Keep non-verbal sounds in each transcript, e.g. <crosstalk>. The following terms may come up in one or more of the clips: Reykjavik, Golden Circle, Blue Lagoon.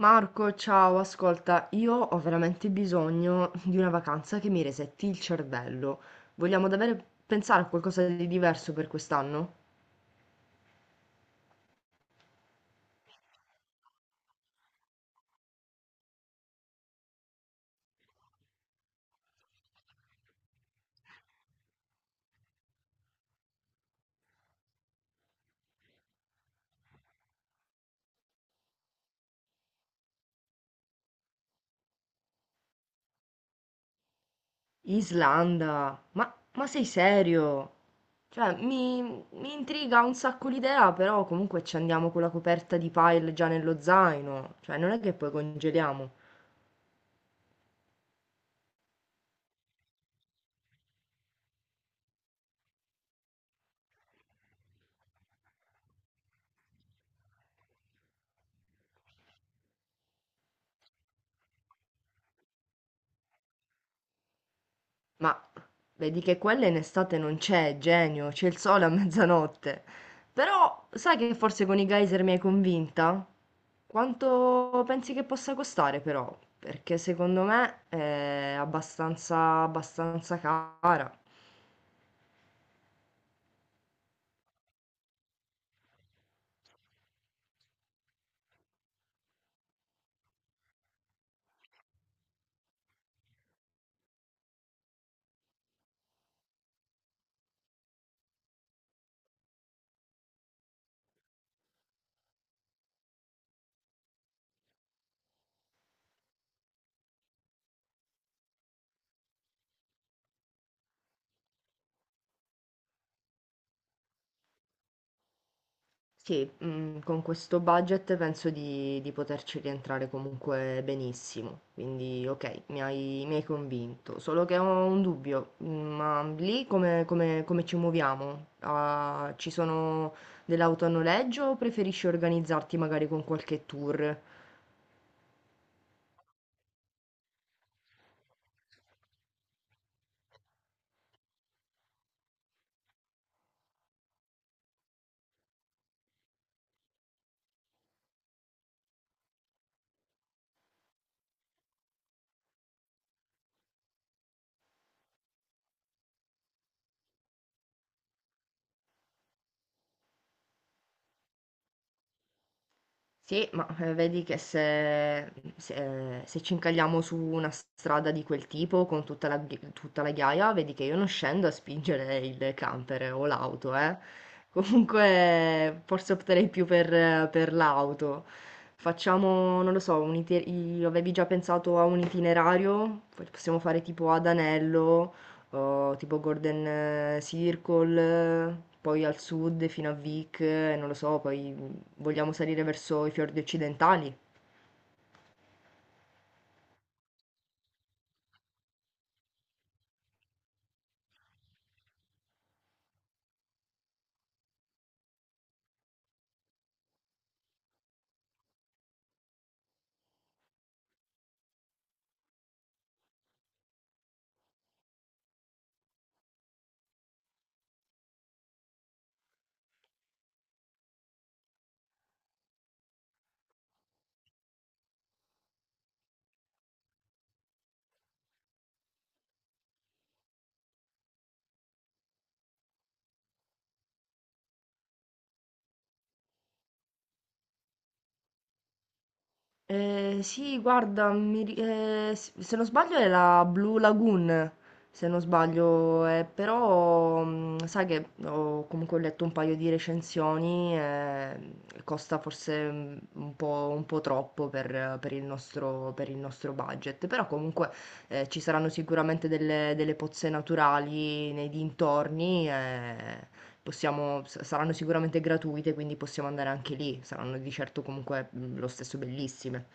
Marco, ciao, ascolta, io ho veramente bisogno di una vacanza che mi resetti il cervello. Vogliamo davvero pensare a qualcosa di diverso per quest'anno? Islanda, ma sei serio? Cioè, mi intriga un sacco l'idea, però comunque ci andiamo con la coperta di pile già nello zaino, cioè non è che poi congeliamo. Ma vedi che quella in estate non c'è, genio, c'è il sole a mezzanotte. Però sai che forse con i geyser mi hai convinta. Quanto pensi che possa costare, però? Perché secondo me è abbastanza cara. Sì, mhmm, con questo budget penso di poterci rientrare comunque benissimo. Quindi okay, mi hai convinto. Solo che ho un dubbio, mhmm, ma lì come ci muoviamo? Ah, ci sono delle auto a noleggio o preferisci organizzarti magari con qualche tour? Sì, ma, vedi che se mhmm, se ci incagliamo su una strada di quel tipo con tutta la ghi tutta la ghiaia, vedi che io non scendo a spingere il camper o l'auto, eh. <laughs> Comunque forse opterei più per l'auto. Facciamo, non lo so, un ite i avevi già pensato a un itinerario? P Possiamo fare tipo ad anello, o tipo Golden Circle, poi al sud fino a Vic, non lo so, poi vogliamo salire verso i fiordi occidentali? Sì, guarda, se non sbaglio è la Blue Lagoon, se non sbaglio, però mm, sai che ho comunque letto un paio di recensioni, costa forse mm, un po' troppo per il nostro budget, però comunque ci saranno sicuramente delle pozze naturali nei dintorni, possiamo s saranno sicuramente gratuite, quindi possiamo andare anche lì, saranno di certo comunque, mhmm, lo stesso bellissime.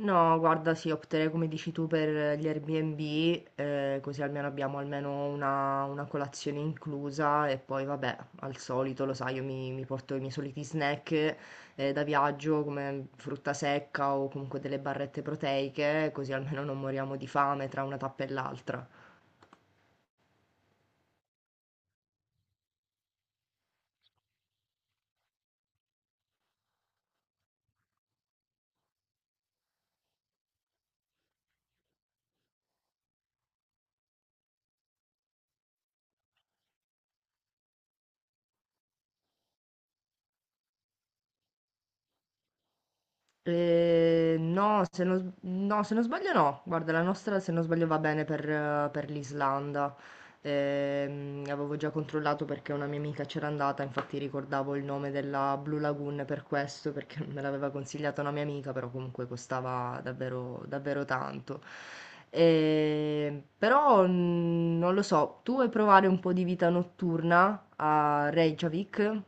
No, guarda, sì, opterei come dici tu per gli Airbnb, così almeno abbiamo almeno una colazione inclusa e poi vabbè, al solito lo sai io mi porto i miei soliti snack, da viaggio come frutta secca o comunque delle barrette proteiche, così almeno non moriamo di fame tra una tappa e l'altra. No, se non, s- no, se non sbaglio no. Guarda, la nostra se non sbaglio va bene per l'Islanda. Avevo già controllato perché una mia amica c'era andata, infatti ricordavo il nome della Blue Lagoon per questo, perché <laughs> me l'aveva consigliata una mia amica, però comunque costava davvero tanto. Però mm, non lo so, tu vuoi provare un po' di vita notturna a Reykjavik?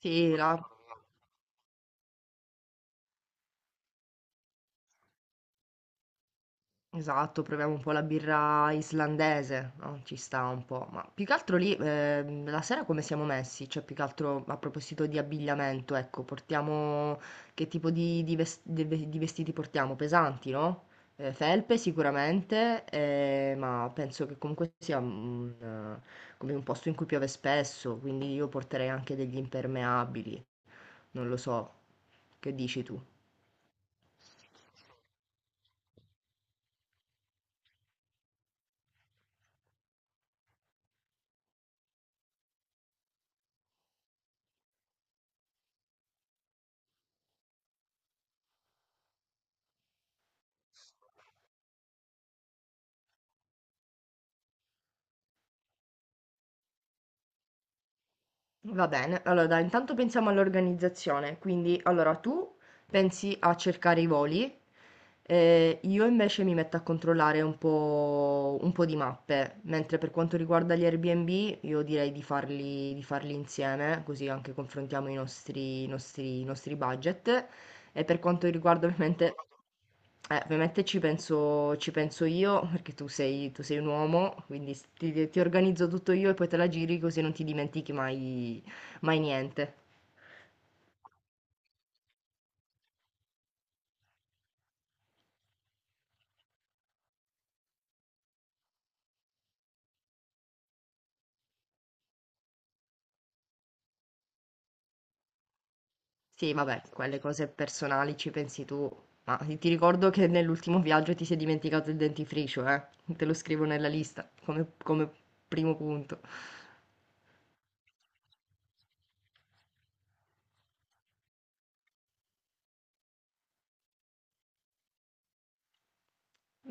Sì, là. Esatto, proviamo un po' la birra islandese, no, ci sta un po', ma più che altro lì, la sera come siamo messi? Cioè, più che altro a proposito di abbigliamento, ecco, che tipo di vestiti portiamo? Pesanti, no? Felpe sicuramente, ma penso che comunque sia un, come un posto in cui piove spesso, quindi io porterei anche degli impermeabili, non lo so, che dici tu? Va bene, allora dai, intanto pensiamo all'organizzazione, quindi allora tu pensi a cercare i voli, io invece mi metto a controllare un po' di mappe, mentre per quanto riguarda gli Airbnb io direi di farli insieme, così anche confrontiamo i nostri budget e per quanto riguarda ovviamente, ovviamente ci penso io, perché tu sei un uomo, quindi ti organizzo tutto io e poi te la giri così non ti dimentichi mai, mai niente. Sì, vabbè, quelle cose personali ci pensi tu, ma ti ricordo che nell'ultimo viaggio ti sei dimenticato il dentifricio, eh? Te lo scrivo nella lista come primo punto.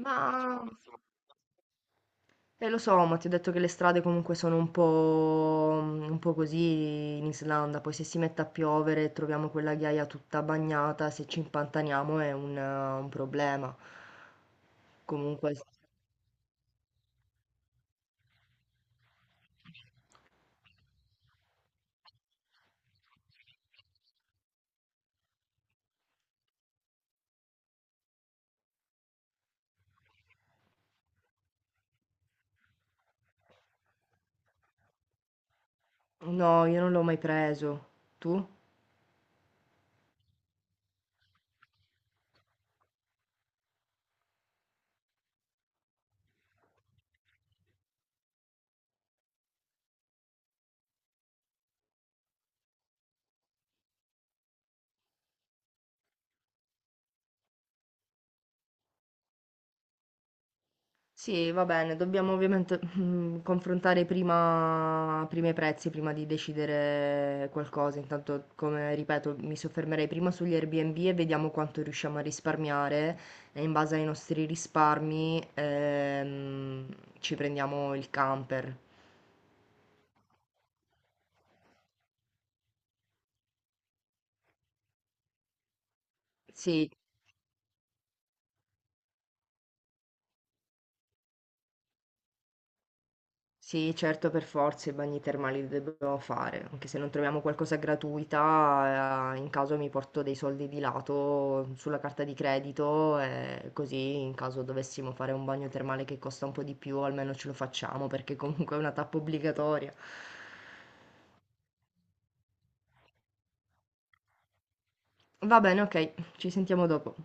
Ma... eh lo so, ma ti ho detto che le strade comunque sono un po', mhmm, un po' così in Islanda, poi se si mette a piovere e troviamo quella ghiaia tutta bagnata, se ci impantaniamo è un problema. Comunque s No, io non l'ho mai preso. Tu? Sì, va bene, dobbiamo ovviamente mm, confrontare prima i prezzi, prima di decidere qualcosa. Intanto, come ripeto, mi soffermerei prima sugli Airbnb e vediamo quanto riusciamo a risparmiare e in base ai nostri risparmi ci prendiamo il camper. Sì, sì, certo, per forza i bagni termali li dobbiamo fare, anche se non troviamo qualcosa gratuita, in caso mi porto dei soldi di lato sulla carta di credito e così in caso dovessimo fare un bagno termale che costa un po' di più, almeno ce lo facciamo perché comunque è una tappa obbligatoria. Va bene, ok, ci sentiamo dopo.